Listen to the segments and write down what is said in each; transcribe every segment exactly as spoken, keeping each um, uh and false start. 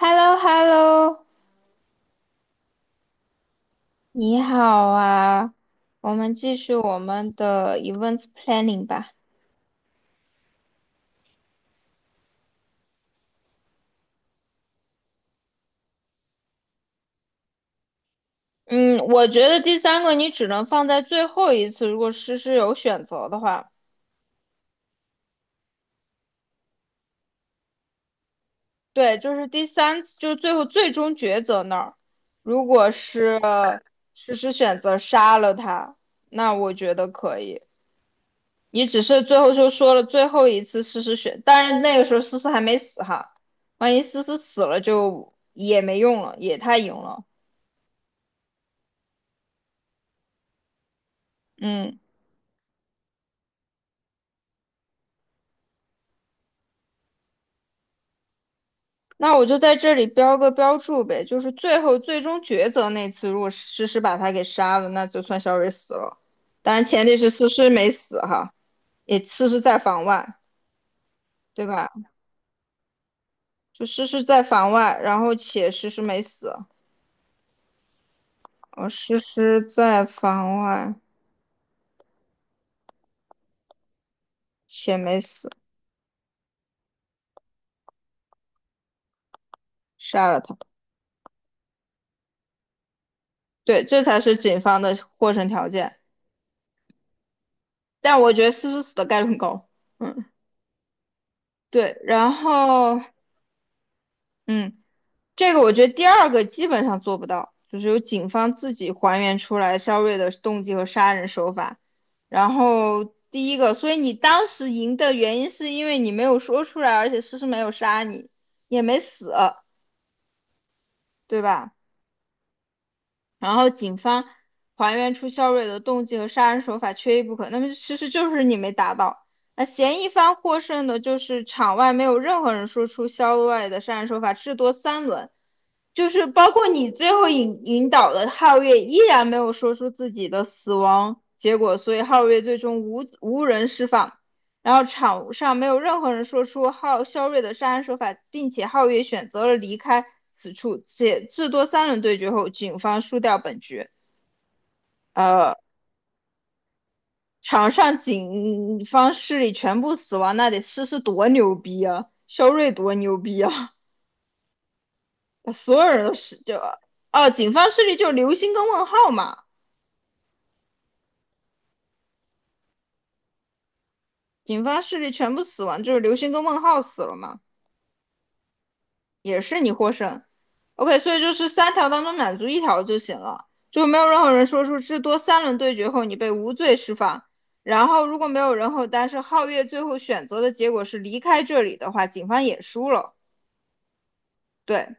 h e l l o h e l l o 你好啊，我们继续我们的 events planning 吧。嗯，我觉得第三个你只能放在最后一次，如果诗诗有选择的话，对，就是第三次，就是最后最终抉择那儿，如果是诗诗选择杀了他，那我觉得可以。你只是最后就说了最后一次诗诗选，但是那个时候诗诗还没死哈，万一诗诗死了就也没用了，也太赢了。嗯，那我就在这里标个标注呗，就是最后最终抉择那次，如果诗诗把他给杀了，那就算小蕊死了。当然前提是诗诗没死哈，也诗诗在房外，对吧？就诗诗在房外，然后且诗诗没死，呃，诗诗在房外且没死，杀了他。对，这才是警方的获胜条件。但我觉得诗诗死的概率很高。嗯，对，然后。嗯，这个我觉得第二个基本上做不到，就是由警方自己还原出来肖瑞的动机和杀人手法。然后第一个，所以你当时赢的原因是因为你没有说出来，而且诗诗没有杀你，也没死，对吧？然后警方还原出肖瑞的动机和杀人手法缺一不可，那么其实就是你没达到。那嫌疑方获胜的就是场外没有任何人说出肖瑞的杀人手法，至多三轮。就是包括你最后引引导的皓月依然没有说出自己的死亡结果，所以皓月最终无无人释放。然后场上没有任何人说出皓肖瑞的杀人手法，并且皓月选择了离开此处。且至多三轮对决后，警方输掉本局。呃，场上警方势力全部死亡，那得是是多牛逼啊！肖瑞多牛逼啊！所有人都死掉了。哦，呃警方势力就是流星跟问号嘛。警方势力全部死亡，就是流星跟问号死了嘛，也是你获胜。OK，所以就是三条当中满足一条就行了，就没有任何人说出至多三轮对决后你被无罪释放。然后如果没有人后，但是皓月最后选择的结果是离开这里的话，警方也输了。对，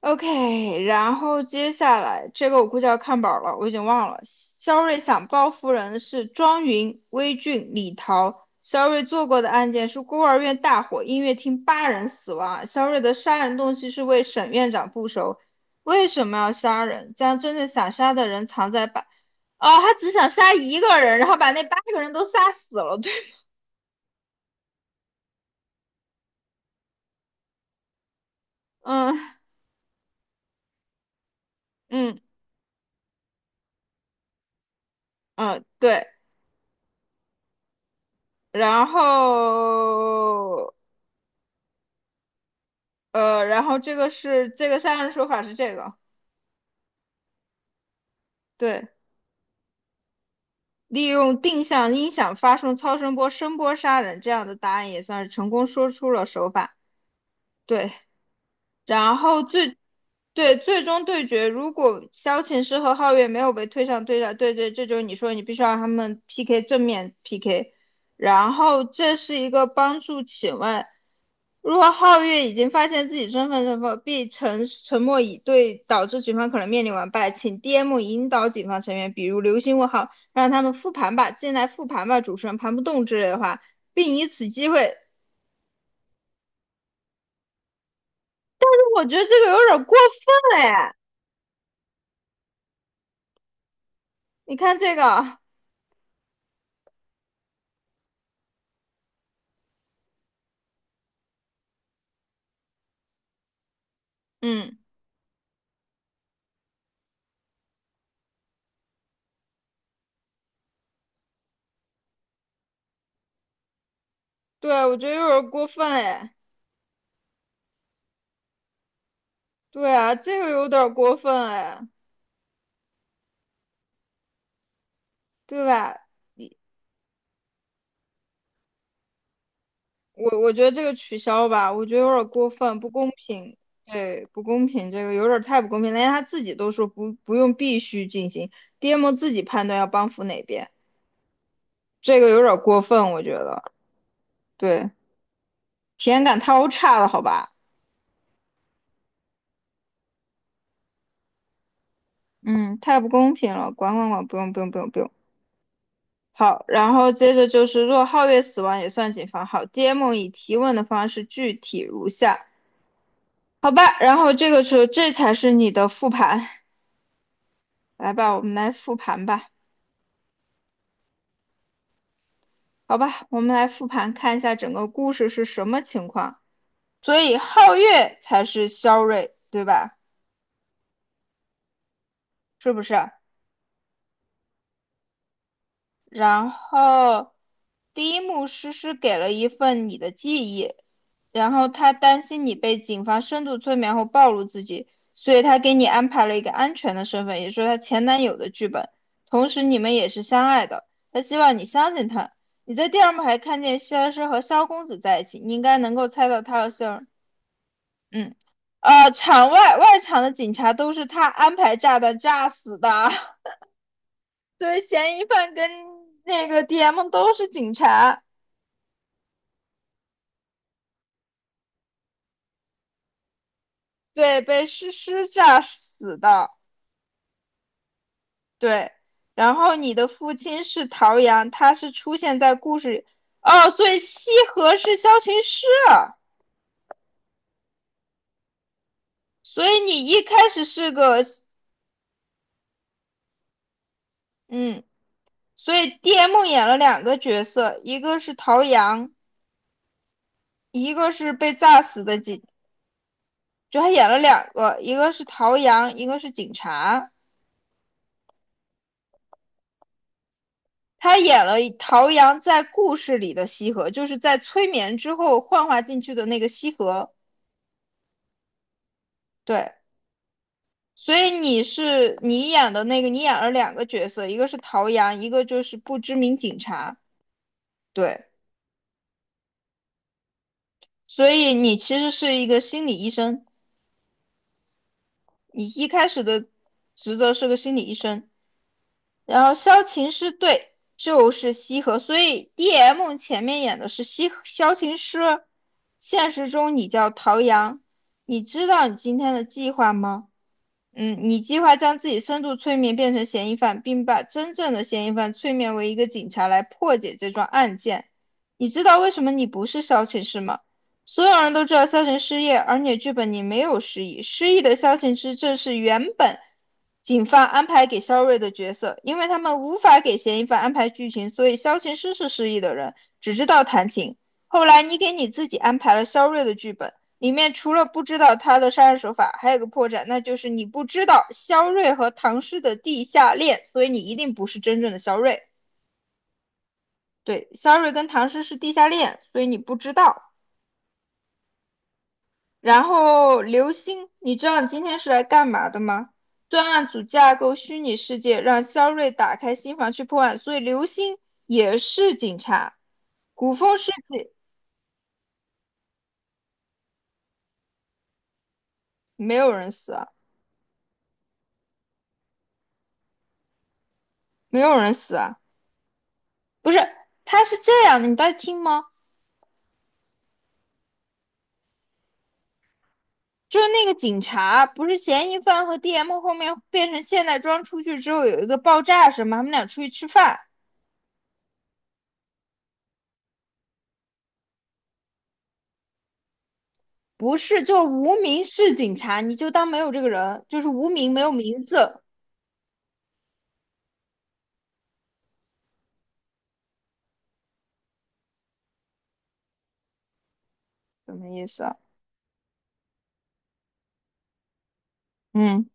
OK，然后接下来这个我估计要看本儿了，我已经忘了。肖瑞想报复人的是庄云、魏俊、李桃。肖瑞做过的案件是孤儿院大火，音乐厅八人死亡。肖瑞的杀人动机是为沈院长复仇。为什么要杀人？将真正想杀的人藏在把……哦，他只想杀一个人，然后把那八个人都杀死了。对，嗯嗯，嗯，对，然后。呃，然后这个是这个杀人手法是这个，对，利用定向音响发送超声波声波杀人，这样的答案也算是成功说出了手法。对。然后最对最终对决，如果萧琴师和皓月没有被推上对战，对对，这就是你说你必须要让他们 P K 正面 P K，然后这是一个帮助。请问，如果皓月已经发现自己身份身份，必沉沉默以对，导致局方可能面临完败，请 D M 引导警方成员，比如流星问号，让他们复盘吧，进来复盘吧，主持人盘不动之类的话，并以此机会，我觉得这个有点过分了耶，你看这个。嗯，对，我觉得有点过分哎，对啊，这个有点过分哎，对吧？我我觉得这个取消吧，我觉得有点过分，不公平，对，不公平，这个有点太不公平了，连他自己都说不不用必须进行，D M 自己判断要帮扶哪边，这个有点过分，我觉得，对，体验感太差了，好吧？嗯，太不公平了，管管管，不用不用不用不用。好，然后接着就是，若皓月死亡也算警方。好，D M 以提问的方式具体如下：好吧，然后这个时候这才是你的复盘，来吧，我们来复盘吧。好吧，我们来复盘看一下整个故事是什么情况。所以皓月才是萧睿，对吧？是不是？然后第一幕诗诗给了一份你的记忆，然后他担心你被警方深度催眠后暴露自己，所以他给你安排了一个安全的身份，也就是她前男友的剧本。同时你们也是相爱的，他希望你相信他。你在第二幕还看见希尔师和萧公子在一起，你应该能够猜到他和希尔，嗯，呃，场外外场的警察都是他安排炸弹炸死的。对，嫌疑犯跟那个 D M 都是警察，对，被诗诗炸死的，对。然后你的父亲是陶阳，他是出现在故事哦，所以西河是萧琴师啊，所以你一开始是个，嗯，所以 D M 演了两个角色，一个是陶阳，一个是被炸死的警，就他演了两个，一个是陶阳，一个是警察。他演了陶阳在故事里的西河，就是在催眠之后幻化进去的那个西河。对，所以你是你演的那个，你演了两个角色，一个是陶阳，一个就是不知名警察。对，所以你其实是一个心理医生，你一开始的职责是个心理医生。然后萧晴是对，就是西河，所以 D M 前面演的是西萧晴师，现实中你叫陶阳，你知道你今天的计划吗？嗯，你计划将自己深度催眠变成嫌疑犯，并把真正的嫌疑犯催眠为一个警察来破解这桩案件。你知道为什么你不是萧晴诗吗？所有人都知道萧晴失业，而你的剧本里没有失忆。失忆的萧晴诗正是原本警方安排给肖瑞的角色，因为他们无法给嫌疑犯安排剧情，所以萧晴诗是失忆的人，只知道弹琴。后来你给你自己安排了肖瑞的剧本，里面除了不知道他的杀人手法，还有个破绽，那就是你不知道肖瑞和唐诗的地下恋，所以你一定不是真正的肖瑞。对，肖瑞跟唐诗是地下恋，所以你不知道。然后刘星，你知道你今天是来干嘛的吗？专案组架构虚拟世界，让肖瑞打开心房去破案，所以刘星也是警察。古风世纪没有人死啊，没有人死啊，不是，他是这样的，你在听吗？就是那个警察，不是嫌疑犯和 D M 后面变成现代装出去之后有一个爆炸什么，他们俩出去吃饭，不是就是无名氏警察，你就当没有这个人，就是无名没有名字，什么意思啊？嗯，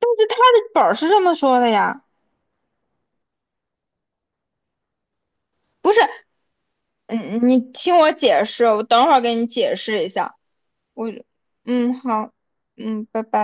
但是他的本儿是这么说的呀，不是，嗯，你听我解释，我等会儿给你解释一下，我，嗯，好，嗯，拜拜。